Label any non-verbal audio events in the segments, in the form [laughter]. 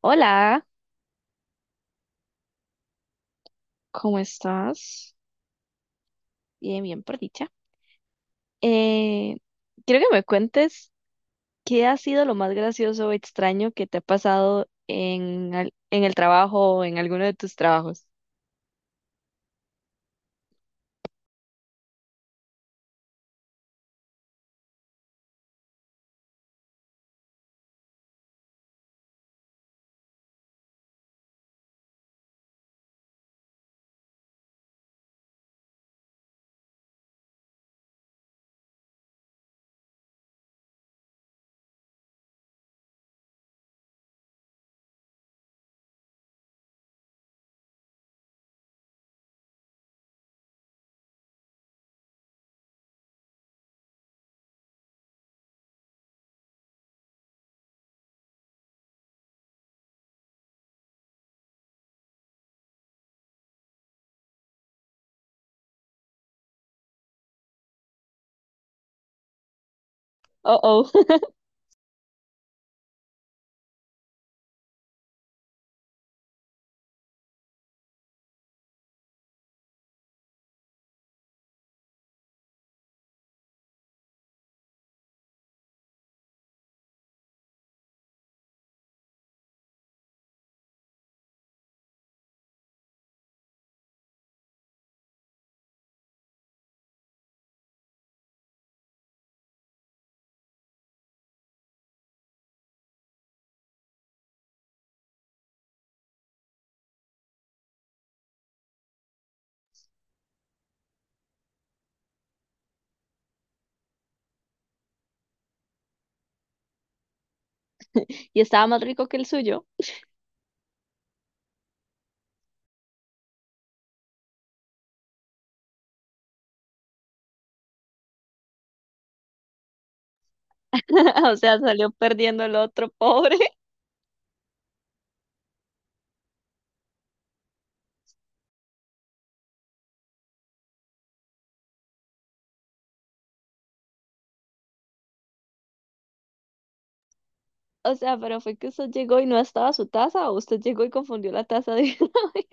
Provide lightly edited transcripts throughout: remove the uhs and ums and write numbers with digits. Hola, ¿cómo estás? Bien, bien, por dicha. Eh, quiero que me cuentes qué ha sido lo más gracioso o extraño que te ha pasado en el trabajo o en alguno de tus trabajos. Oh, oh. [laughs] Y estaba más rico que el suyo. [laughs] O sea, salió perdiendo el otro, pobre. [laughs] O sea, pero fue que usted llegó y no estaba su taza o usted llegó y confundió la taza de. [laughs]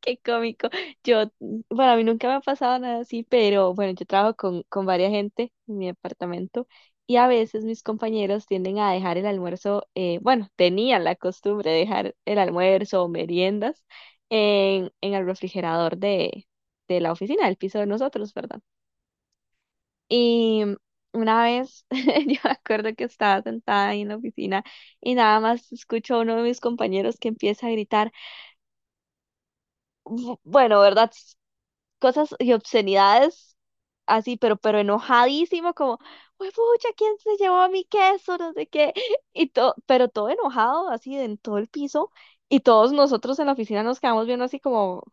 Qué cómico. Yo, bueno, a mí nunca me ha pasado nada así, pero bueno, yo trabajo con varias gente en mi departamento y a veces mis compañeros tienden a dejar el almuerzo, bueno, tenían la costumbre de dejar el almuerzo o meriendas en el refrigerador de la oficina, del piso de nosotros, ¿verdad? Y una vez [laughs] yo me acuerdo que estaba sentada ahí en la oficina y nada más escucho a uno de mis compañeros que empieza a gritar. Bueno, ¿verdad? Cosas y obscenidades así, pero enojadísimo, como, uy, pucha, ¿quién se llevó a mi queso? No sé qué. [laughs] Y todo, pero todo enojado, así, en todo el piso. Y todos nosotros en la oficina nos quedamos viendo así como,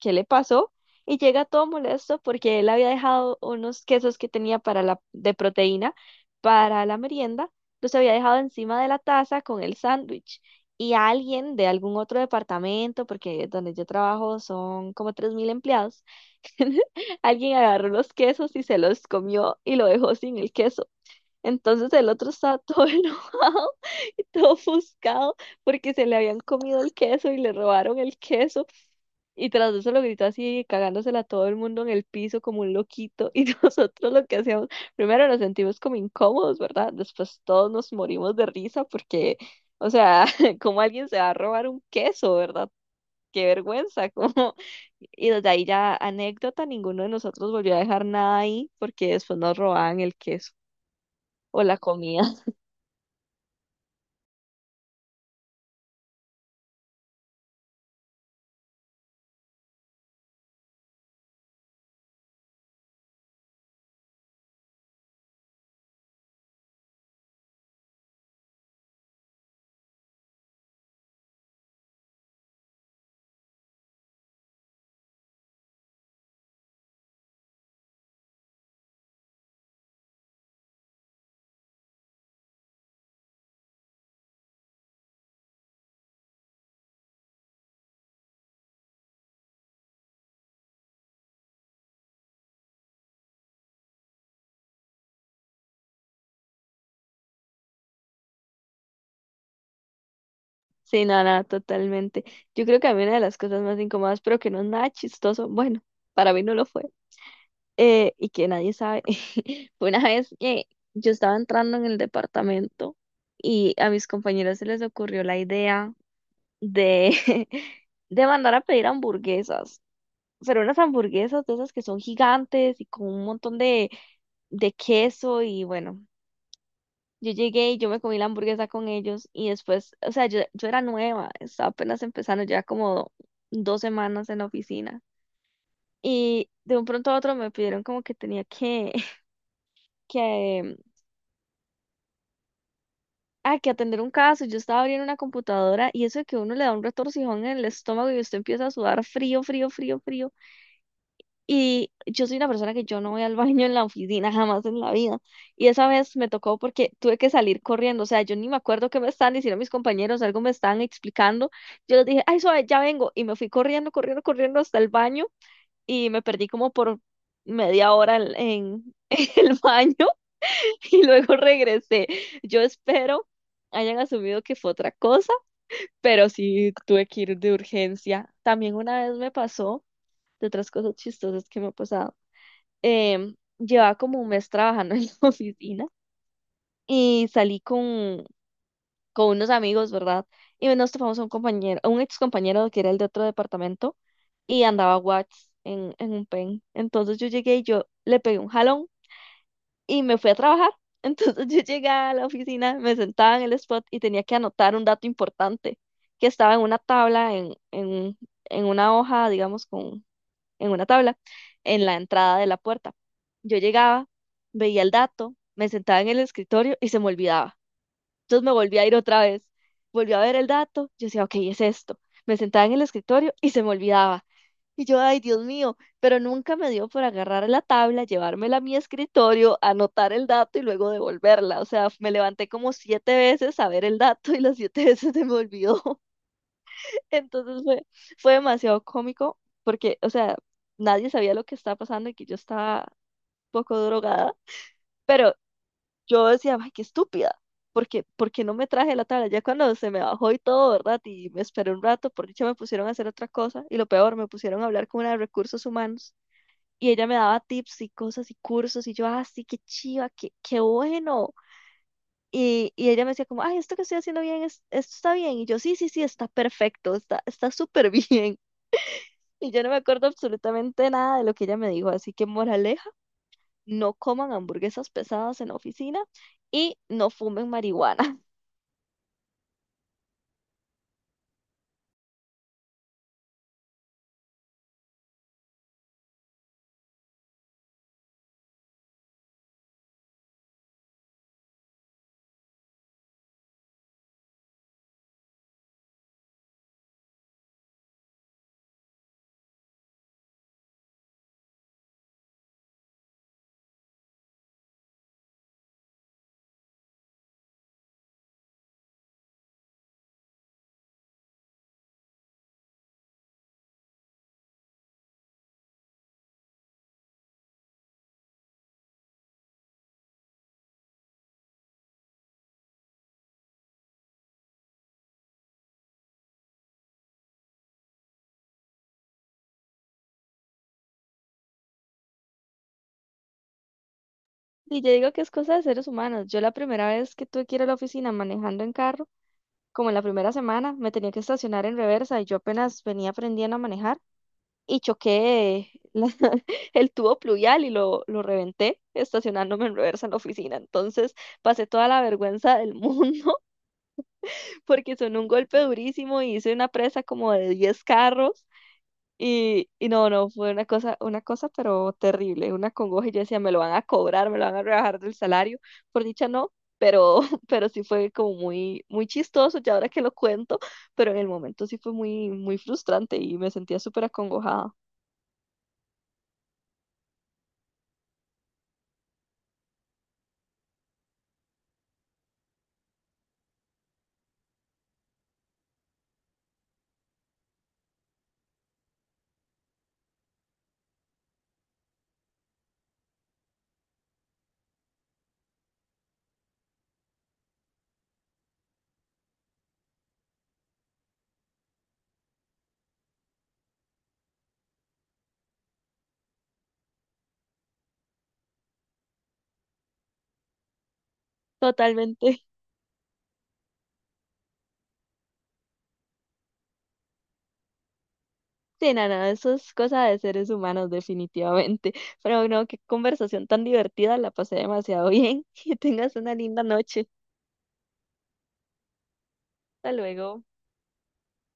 ¿qué le pasó? Y llega todo molesto porque él había dejado unos quesos que tenía para la, de proteína para la merienda, los había dejado encima de la taza con el sándwich. Y alguien de algún otro departamento, porque donde yo trabajo son como 3.000 empleados, [laughs] alguien agarró los quesos y se los comió y lo dejó sin el queso. Entonces el otro estaba todo [laughs] enojado y todo ofuscado porque se le habían comido el queso y le robaron el queso. Y tras eso lo gritó así, cagándosela a todo el mundo en el piso como un loquito. [laughs] Y nosotros lo que hacíamos, primero nos sentimos como incómodos, ¿verdad? Después todos nos morimos de risa porque, o sea, [laughs] como alguien se va a robar un queso, ¿verdad? Qué vergüenza, [laughs] como, y desde ahí ya anécdota, ninguno de nosotros volvió a dejar nada ahí porque después nos robaban el queso o la comida. [laughs] Sí, nada, totalmente. Yo creo que a mí una de las cosas más incómodas, pero que no es nada chistoso, bueno, para mí no lo fue, y que nadie sabe, [laughs] fue una vez que yo estaba entrando en el departamento y a mis compañeros se les ocurrió la idea de, [laughs] de mandar a pedir hamburguesas. Pero unas hamburguesas de esas que son gigantes y con un montón de queso y bueno, yo llegué y yo me comí la hamburguesa con ellos y después, o sea, yo era nueva, estaba apenas empezando, ya como 2 semanas en la oficina y de un pronto a otro me pidieron como que tenía que, [laughs] que, que atender un caso, yo estaba abriendo una computadora y eso de que uno le da un retorcijón en el estómago y usted empieza a sudar frío, frío, frío, frío. Y yo soy una persona que yo no voy al [laughs] baño en la oficina jamás en la vida. Y esa vez me tocó porque tuve que salir corriendo. O sea, yo ni me acuerdo qué me estaban diciendo mis compañeros, algo me estaban explicando. Yo les dije, ay, suave, ya vengo. Y me fui corriendo, corriendo, corriendo hasta el baño y me perdí como por media hora en [laughs] en el baño y luego regresé. Yo espero hayan asumido que fue otra cosa, pero sí tuve que ir de urgencia. También una vez me pasó, de otras cosas chistosas que me ha pasado, llevaba como un mes trabajando [laughs] en la oficina y salí con unos amigos, ¿verdad? Y nos topamos a un compañero, a un ex compañero que era el de otro departamento y andaba Watts en un pen. Entonces yo llegué y yo le pegué un jalón y me fui a trabajar. Entonces [laughs] yo llegué a la oficina, me sentaba en el spot y tenía que anotar un dato importante que estaba en una tabla, en una hoja, digamos, en una tabla, en la entrada de la puerta. Yo llegaba, veía el dato, me sentaba en el escritorio y se me olvidaba. Entonces me volví a ir otra vez, volví a ver el dato, yo decía, ok, es esto. Me sentaba en el escritorio y se me olvidaba. Y yo, ay, Dios mío, pero nunca me dio por agarrar la tabla, llevármela a mi escritorio, anotar el dato y luego devolverla. O sea, me levanté como siete veces a ver el dato y las siete [laughs] veces se me olvidó. Entonces fue demasiado cómico porque, o sea, nadie sabía lo que estaba pasando y que yo estaba un poco drogada, pero yo decía, ay, qué estúpida, porque no me traje la tabla. Ya cuando se me bajó y todo, ¿verdad? Y me esperé un rato, por dicha me pusieron a hacer otra cosa y lo peor, me pusieron a hablar con una de recursos humanos y ella me daba tips y cosas y cursos y yo, ah, sí, qué chiva, qué bueno. Y ella me decía como, ay, esto que estoy haciendo bien, esto está bien. Y yo, sí, sí, sí, está perfecto, está súper [laughs] bien. Y yo no me acuerdo absolutamente nada de lo que ella me dijo, así que moraleja, no coman hamburguesas pesadas en la oficina y no fumen marihuana. [laughs] Y yo digo que es cosa de seres humanos. Yo la primera vez que tuve que ir a la oficina manejando en carro, como en la primera semana, me tenía que estacionar en reversa y yo apenas venía aprendiendo a manejar y choqué [laughs] el tubo pluvial y lo reventé estacionándome en reversa en la oficina. Entonces pasé toda la vergüenza del [laughs] mundo. Porque sonó un golpe durísimo y hice una presa como de 10 carros. Y no, no, fue una cosa, pero terrible, una congoja. Y yo decía, me lo van a cobrar, me lo van a rebajar del salario. Por dicha, no, pero, [laughs] pero sí fue como muy, muy chistoso, ya ahora que lo cuento, pero en el momento sí fue muy, muy frustrante y me sentía súper acongojada. Totalmente. [laughs] Sí, no, no, eso es cosa de seres humanos, definitivamente. Pero bueno, qué conversación tan divertida, la pasé demasiado bien. [laughs] Que tengas una linda noche. Hasta luego.